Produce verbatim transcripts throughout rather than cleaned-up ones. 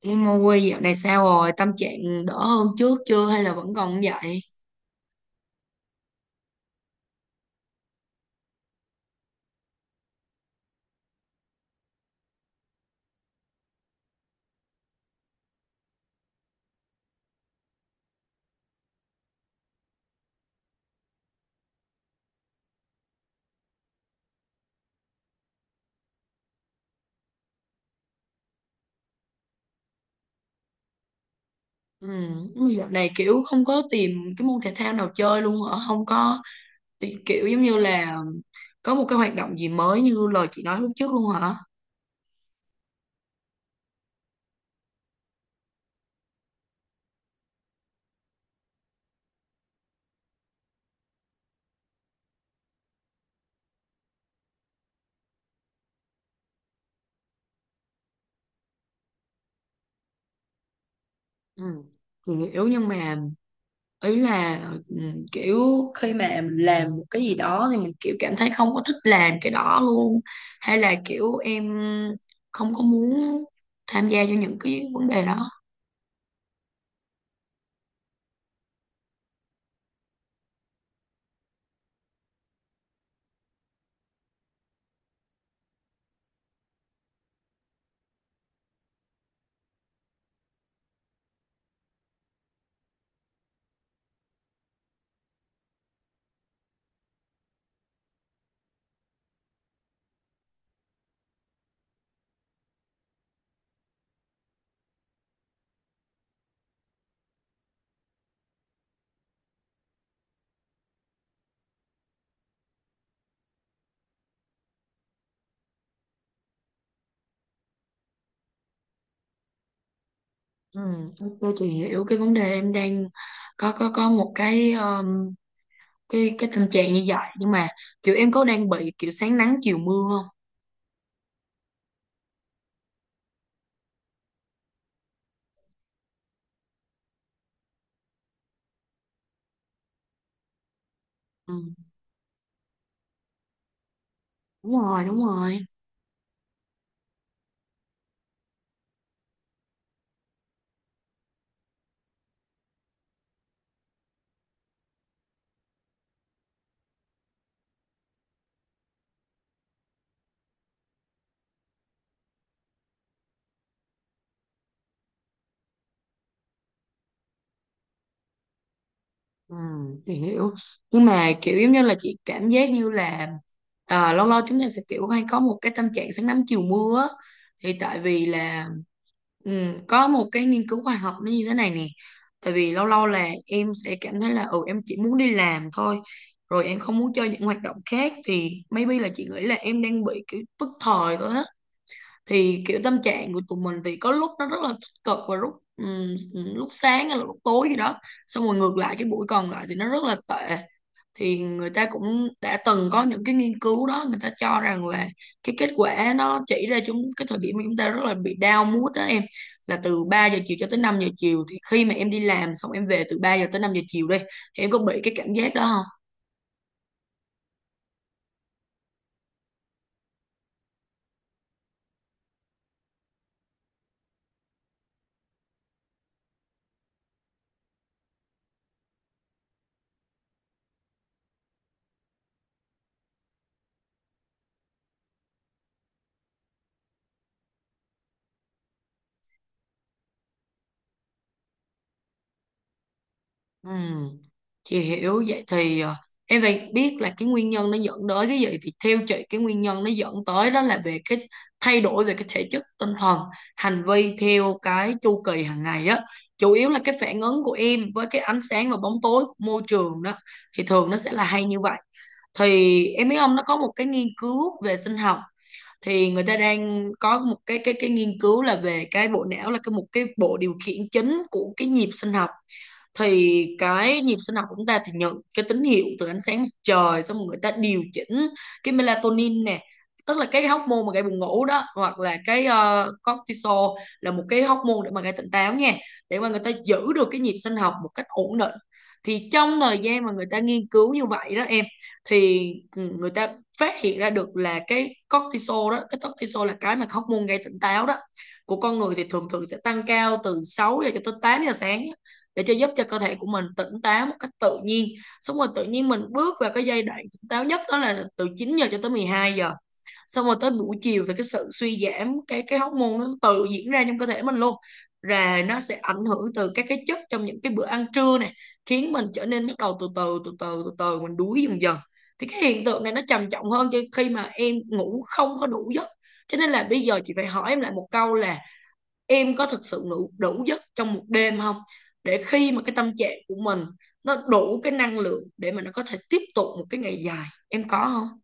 Em mua dạo này sao rồi? Tâm trạng đỡ hơn trước chưa hay là vẫn còn như vậy? Ừ, dạo này kiểu không có tìm cái môn thể thao nào chơi luôn hả? Không có thì kiểu giống như là có một cái hoạt động gì mới như lời chị nói lúc trước luôn hả? Ừ. thì Kiểu nhưng mà ý là ừ, kiểu khi mà mình làm một cái gì đó thì mình kiểu cảm thấy không có thích làm cái đó luôn, hay là kiểu em không có muốn tham gia cho những cái vấn đề đó. Ừ, ok, chị hiểu cái vấn đề em đang có có có một cái um, cái cái tình trạng như vậy, nhưng mà kiểu em có đang bị kiểu sáng nắng chiều mưa không? Ừ, đúng rồi, đúng rồi. Ừ, thì hiểu, nhưng mà kiểu giống như là chị cảm giác như là à, lâu lâu chúng ta sẽ kiểu hay có một cái tâm trạng sáng nắng chiều mưa á. Thì tại vì là ừ, có một cái nghiên cứu khoa học nó như thế này nè. Tại vì lâu lâu là em sẽ cảm thấy là ừ em chỉ muốn đi làm thôi, rồi em không muốn chơi những hoạt động khác, thì maybe là chị nghĩ là em đang bị kiểu tức thời thôi á. Thì kiểu tâm trạng của tụi mình thì có lúc nó rất là tích cực, và lúc ừm, lúc sáng hay là lúc tối gì đó, xong rồi ngược lại cái buổi còn lại thì nó rất là tệ. Thì người ta cũng đã từng có những cái nghiên cứu đó, người ta cho rằng là cái kết quả nó chỉ ra chúng cái thời điểm mà chúng ta rất là bị down mood đó em là từ ba giờ chiều cho tới năm giờ chiều. Thì khi mà em đi làm xong em về từ ba giờ tới năm giờ chiều đi, thì em có bị cái cảm giác đó không? Ừm, chị hiểu vậy thì ờ, em phải biết là cái nguyên nhân nó dẫn tới cái gì. Thì theo chị, cái nguyên nhân nó dẫn tới đó là về cái thay đổi về cái thể chất, tinh thần, hành vi theo cái chu kỳ hàng ngày á, chủ yếu là cái phản ứng của em với cái ánh sáng và bóng tối của môi trường đó, thì thường nó sẽ là hay như vậy. Thì em biết ông nó có một cái nghiên cứu về sinh học, thì người ta đang có một cái cái cái nghiên cứu là về cái bộ não, là cái một cái bộ điều khiển chính của cái nhịp sinh học. Thì cái nhịp sinh học của chúng ta thì nhận cái tín hiệu từ ánh sáng mặt trời, xong rồi người ta điều chỉnh cái melatonin nè, tức là cái hormone mà gây buồn ngủ đó, hoặc là cái ờ, cortisol, là một cái hormone để mà gây tỉnh táo nha, để mà người ta giữ được cái nhịp sinh học một cách ổn định. Thì trong thời gian mà người ta nghiên cứu như vậy đó em, thì ừ, người ta phát hiện ra được là cái cortisol đó, cái cortisol là cái mà hormone gây tỉnh táo đó, của con người thì thường thường sẽ tăng cao từ sáu giờ cho tới tám giờ sáng á, để cho giúp cho cơ thể của mình tỉnh táo một cách tự nhiên. Xong rồi tự nhiên mình bước vào cái giai đoạn tỉnh táo nhất đó là từ chín giờ cho tới mười hai giờ. Xong rồi tới buổi chiều thì cái sự suy giảm cái cái hóc môn nó tự diễn ra trong cơ thể mình luôn, rồi nó sẽ ảnh hưởng từ các cái chất trong những cái bữa ăn trưa này, khiến mình trở nên bắt đầu từ từ từ từ từ từ mình đuối dần dần. Thì cái hiện tượng này nó trầm trọng hơn cho khi mà em ngủ không có đủ giấc. Cho nên là bây giờ chị phải hỏi em lại một câu là em có thực sự ngủ đủ giấc trong một đêm không, để khi mà cái tâm trạng của mình nó đủ cái năng lượng để mà nó có thể tiếp tục một cái ngày dài, em có không?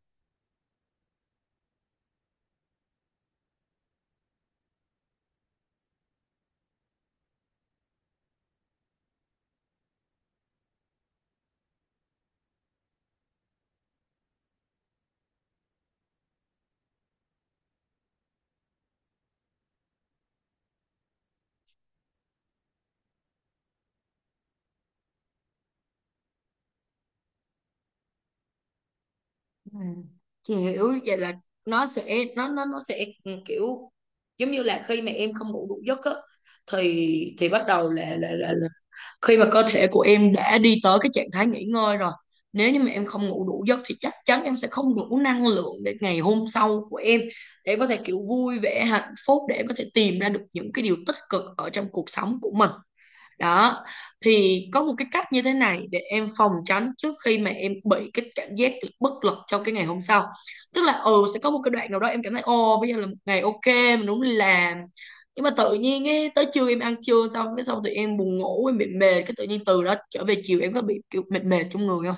Ừ. Chị hiểu vậy là nó sẽ nó nó nó sẽ ừ, kiểu giống như là khi mà em không ngủ đủ giấc á, thì thì bắt đầu là, là là là khi mà cơ thể của em đã đi tới cái trạng thái nghỉ ngơi rồi, nếu như mà em không ngủ đủ giấc thì chắc chắn em sẽ không đủ năng lượng để ngày hôm sau của em, để em có thể kiểu vui vẻ hạnh phúc, để em có thể tìm ra được những cái điều tích cực ở trong cuộc sống của mình đó. Thì có một cái cách như thế này để em phòng tránh trước khi mà em bị cái cảm giác bất lực trong cái ngày hôm sau, tức là ừ sẽ có một cái đoạn nào đó em cảm thấy ồ bây giờ là một ngày ok, mình đúng làm, nhưng mà tự nhiên ấy, tới trưa em ăn trưa xong cái xong tụi em buồn ngủ, em bị mệt, cái tự nhiên từ đó trở về chiều em có bị kiểu mệt mệt trong người không?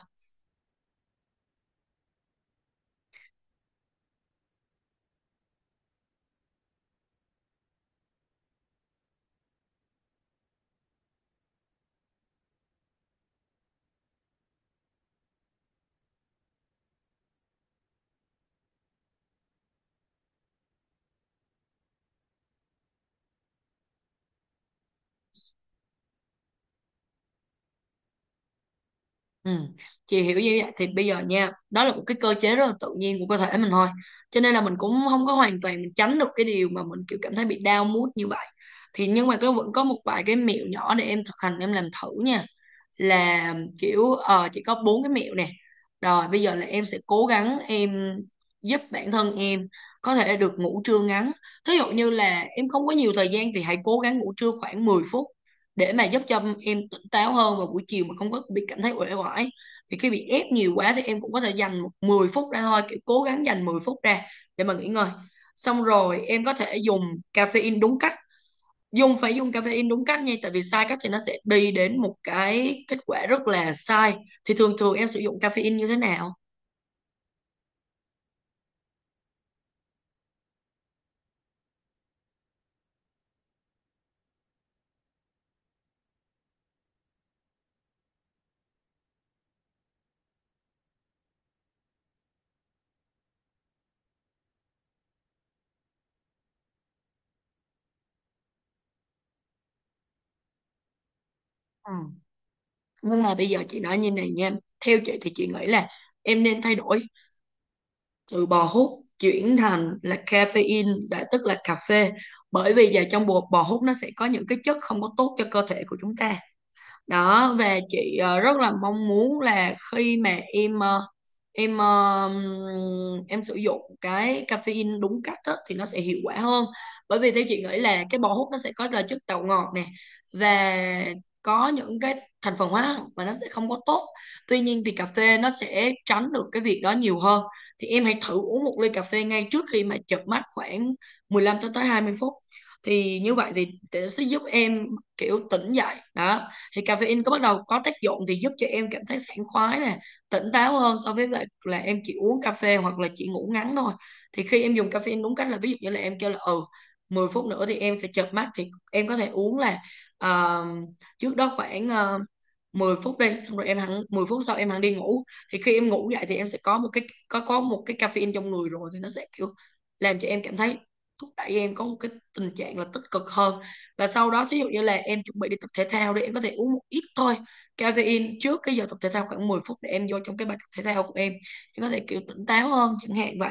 Ừ. Chị hiểu như vậy thì bây giờ nha, đó là một cái cơ chế rất là tự nhiên của cơ thể mình thôi, cho nên là mình cũng không có hoàn toàn mình tránh được cái điều mà mình kiểu cảm thấy bị down mood như vậy. Thì nhưng mà có vẫn có một vài cái mẹo nhỏ để em thực hành em làm thử nha, là kiểu ờ, chị có bốn cái mẹo nè. Rồi bây giờ là em sẽ cố gắng em giúp bản thân em có thể được ngủ trưa ngắn. Thí dụ như là em không có nhiều thời gian thì hãy cố gắng ngủ trưa khoảng mười phút để mà giúp cho em tỉnh táo hơn vào buổi chiều mà không có bị cảm thấy uể oải. Thì khi bị ép nhiều quá thì em cũng có thể dành một mười phút ra thôi, kiểu cố gắng dành mười phút ra để mà nghỉ ngơi. Xong rồi em có thể dùng caffeine đúng cách, dùng phải dùng caffeine đúng cách nha, tại vì sai cách thì nó sẽ đi đến một cái kết quả rất là sai. Thì thường thường em sử dụng caffeine như thế nào? Ừ. Nhưng mà bây giờ chị nói như này nha, theo chị thì chị nghĩ là em nên thay đổi từ bò hút chuyển thành là caffeine, là tức là cà phê, bởi vì giờ trong bột bò hút nó sẽ có những cái chất không có tốt cho cơ thể của chúng ta đó. Và chị ờ, rất là mong muốn là khi mà em ờ, em um, em sử dụng cái caffeine đúng cách á, thì nó sẽ hiệu quả hơn, bởi vì theo chị nghĩ là cái bò hút nó sẽ có là chất tạo ngọt nè, và có những cái thành phần hóa học mà nó sẽ không có tốt. Tuy nhiên thì cà phê nó sẽ tránh được cái việc đó nhiều hơn. Thì em hãy thử uống một ly cà phê ngay trước khi mà chợp mắt khoảng mười lăm tới tới hai mươi phút, thì như vậy thì thì nó sẽ giúp em kiểu tỉnh dậy đó. Thì caffeine có bắt đầu có tác dụng thì giúp cho em cảm thấy sảng khoái nè, tỉnh táo hơn so với lại là em chỉ uống cà phê hoặc là chỉ ngủ ngắn thôi. Thì khi em dùng caffeine đúng cách là ví dụ như là em kêu là ừ mười phút nữa thì em sẽ chợp mắt, thì em có thể uống là ờ, trước đó khoảng ờ, mười phút đi, xong rồi em hẳn mười phút sau em hẳn đi ngủ. Thì khi em ngủ dậy thì em sẽ có một cái có có một cái caffeine trong người rồi, thì nó sẽ kiểu làm cho em cảm thấy, thúc đẩy em có một cái tình trạng là tích cực hơn. Và sau đó thí dụ như là em chuẩn bị đi tập thể thao đi, em có thể uống một ít thôi caffeine trước cái giờ tập thể thao khoảng mười phút, để em vô trong cái bài tập thể thao của em em có thể kiểu tỉnh táo hơn chẳng hạn vậy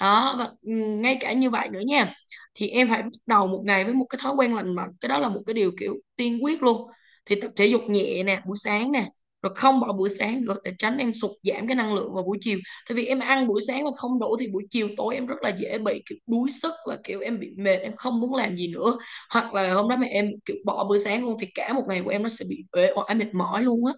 đó. Và ừ, ngay cả như vậy nữa nha, thì em phải bắt đầu một ngày với một cái thói quen lành mạnh, cái đó là một cái điều kiểu tiên quyết luôn. Thì tập thể dục nhẹ nè buổi sáng nè, rồi không bỏ buổi sáng rồi để tránh em sụt giảm cái năng lượng vào buổi chiều. Tại vì em ăn buổi sáng mà không đủ thì buổi chiều tối em rất là dễ bị kiểu đuối sức và kiểu em bị mệt, em không muốn làm gì nữa. Hoặc là hôm đó mà em kiểu bỏ bữa sáng luôn thì cả một ngày của em nó sẽ bị uể oải mệt mỏi luôn á.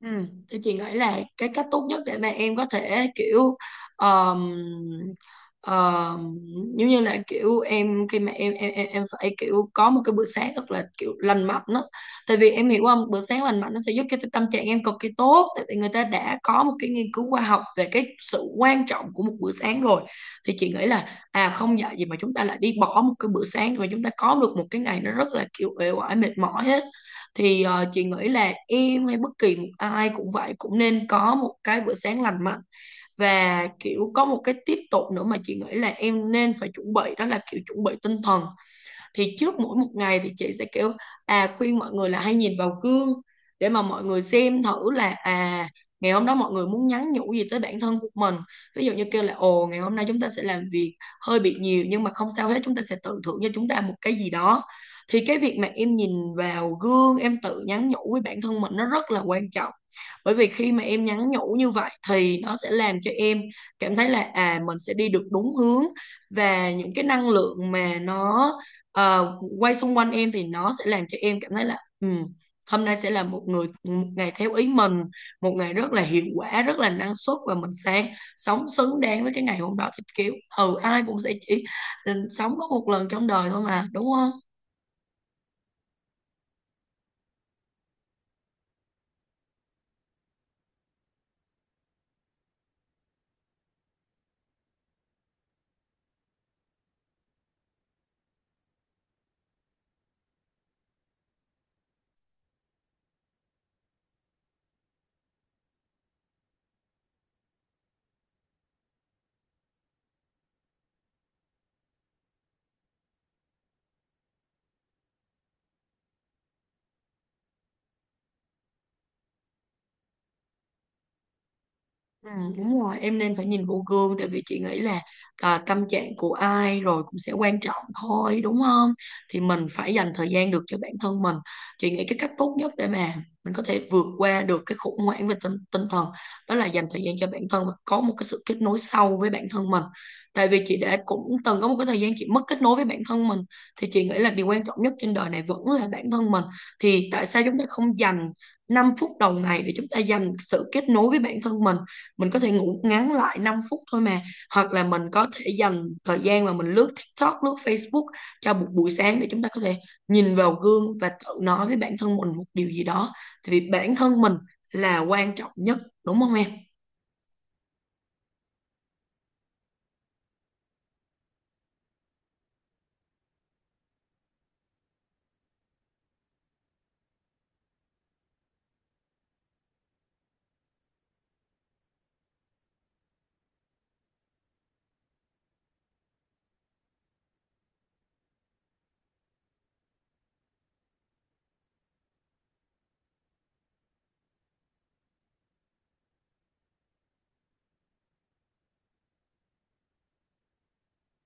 Ừ, thì chị nghĩ là cái cách tốt nhất để mà em có thể kiểu um, um, giống như là kiểu em, khi mà em em em em phải kiểu có một cái bữa sáng thật là kiểu lành mạnh đó. Tại vì em hiểu không, bữa sáng lành mạnh nó sẽ giúp cho cái tâm trạng em cực kỳ tốt. Tại vì người ta đã có một cái nghiên cứu khoa học về cái sự quan trọng của một bữa sáng rồi. Thì chị nghĩ là à, không dạy gì mà chúng ta lại đi bỏ một cái bữa sáng mà chúng ta có được một cái ngày nó rất là kiểu uể oải mệt mỏi hết. Thì ờ, chị nghĩ là em hay bất kỳ một ai cũng vậy, cũng nên có một cái bữa sáng lành mạnh. Và kiểu có một cái tiếp tục nữa mà chị nghĩ là em nên phải chuẩn bị, đó là kiểu chuẩn bị tinh thần. Thì trước mỗi một ngày thì chị sẽ kiểu à, khuyên mọi người là hay nhìn vào gương để mà mọi người xem thử là à, ngày hôm đó mọi người muốn nhắn nhủ gì tới bản thân của mình. Ví dụ như kêu là ồ, ngày hôm nay chúng ta sẽ làm việc hơi bị nhiều nhưng mà không sao hết, chúng ta sẽ tự thưởng cho chúng ta một cái gì đó. Thì cái việc mà em nhìn vào gương, em tự nhắn nhủ với bản thân mình nó rất là quan trọng. Bởi vì khi mà em nhắn nhủ như vậy thì nó sẽ làm cho em cảm thấy là à, mình sẽ đi được đúng hướng. Và những cái năng lượng mà nó ờ, quay xung quanh em thì nó sẽ làm cho em cảm thấy là ừ, hôm nay sẽ là một người, một ngày theo ý mình, một ngày rất là hiệu quả, rất là năng suất, và mình sẽ sống xứng đáng với cái ngày hôm đó. Thì kiểu ừ, ai cũng sẽ chỉ ừ, sống có một lần trong đời thôi mà, đúng không? Ừ, đúng rồi, em nên phải nhìn vô gương. Tại vì chị nghĩ là à, tâm trạng của ai rồi cũng sẽ quan trọng thôi, đúng không? Thì mình phải dành thời gian được cho bản thân mình. Chị nghĩ cái cách tốt nhất để mà mình có thể vượt qua được cái khủng hoảng về tinh, tinh thần, đó là dành thời gian cho bản thân và có một cái sự kết nối sâu với bản thân mình. Tại vì chị đã cũng từng có một cái thời gian chị mất kết nối với bản thân mình. Thì chị nghĩ là điều quan trọng nhất trên đời này vẫn là bản thân mình. Thì tại sao chúng ta không dành năm phút đầu ngày để chúng ta dành sự kết nối với bản thân mình? Mình có thể ngủ ngắn lại năm phút thôi mà, hoặc là mình có thể dành thời gian mà mình lướt TikTok, lướt Facebook cho một buổi sáng, để chúng ta có thể nhìn vào gương và tự nói với bản thân mình một điều gì đó. Thì vì bản thân mình là quan trọng nhất, đúng không em?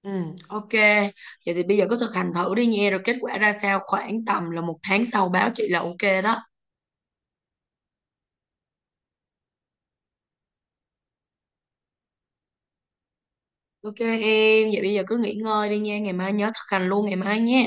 Ừ, ok, vậy thì bây giờ cứ thực hành thử đi nha, rồi kết quả ra sao khoảng tầm là một tháng sau báo chị là ok đó. Ok em, vậy bây giờ cứ nghỉ ngơi đi nha, ngày mai nhớ thực hành luôn ngày mai nha.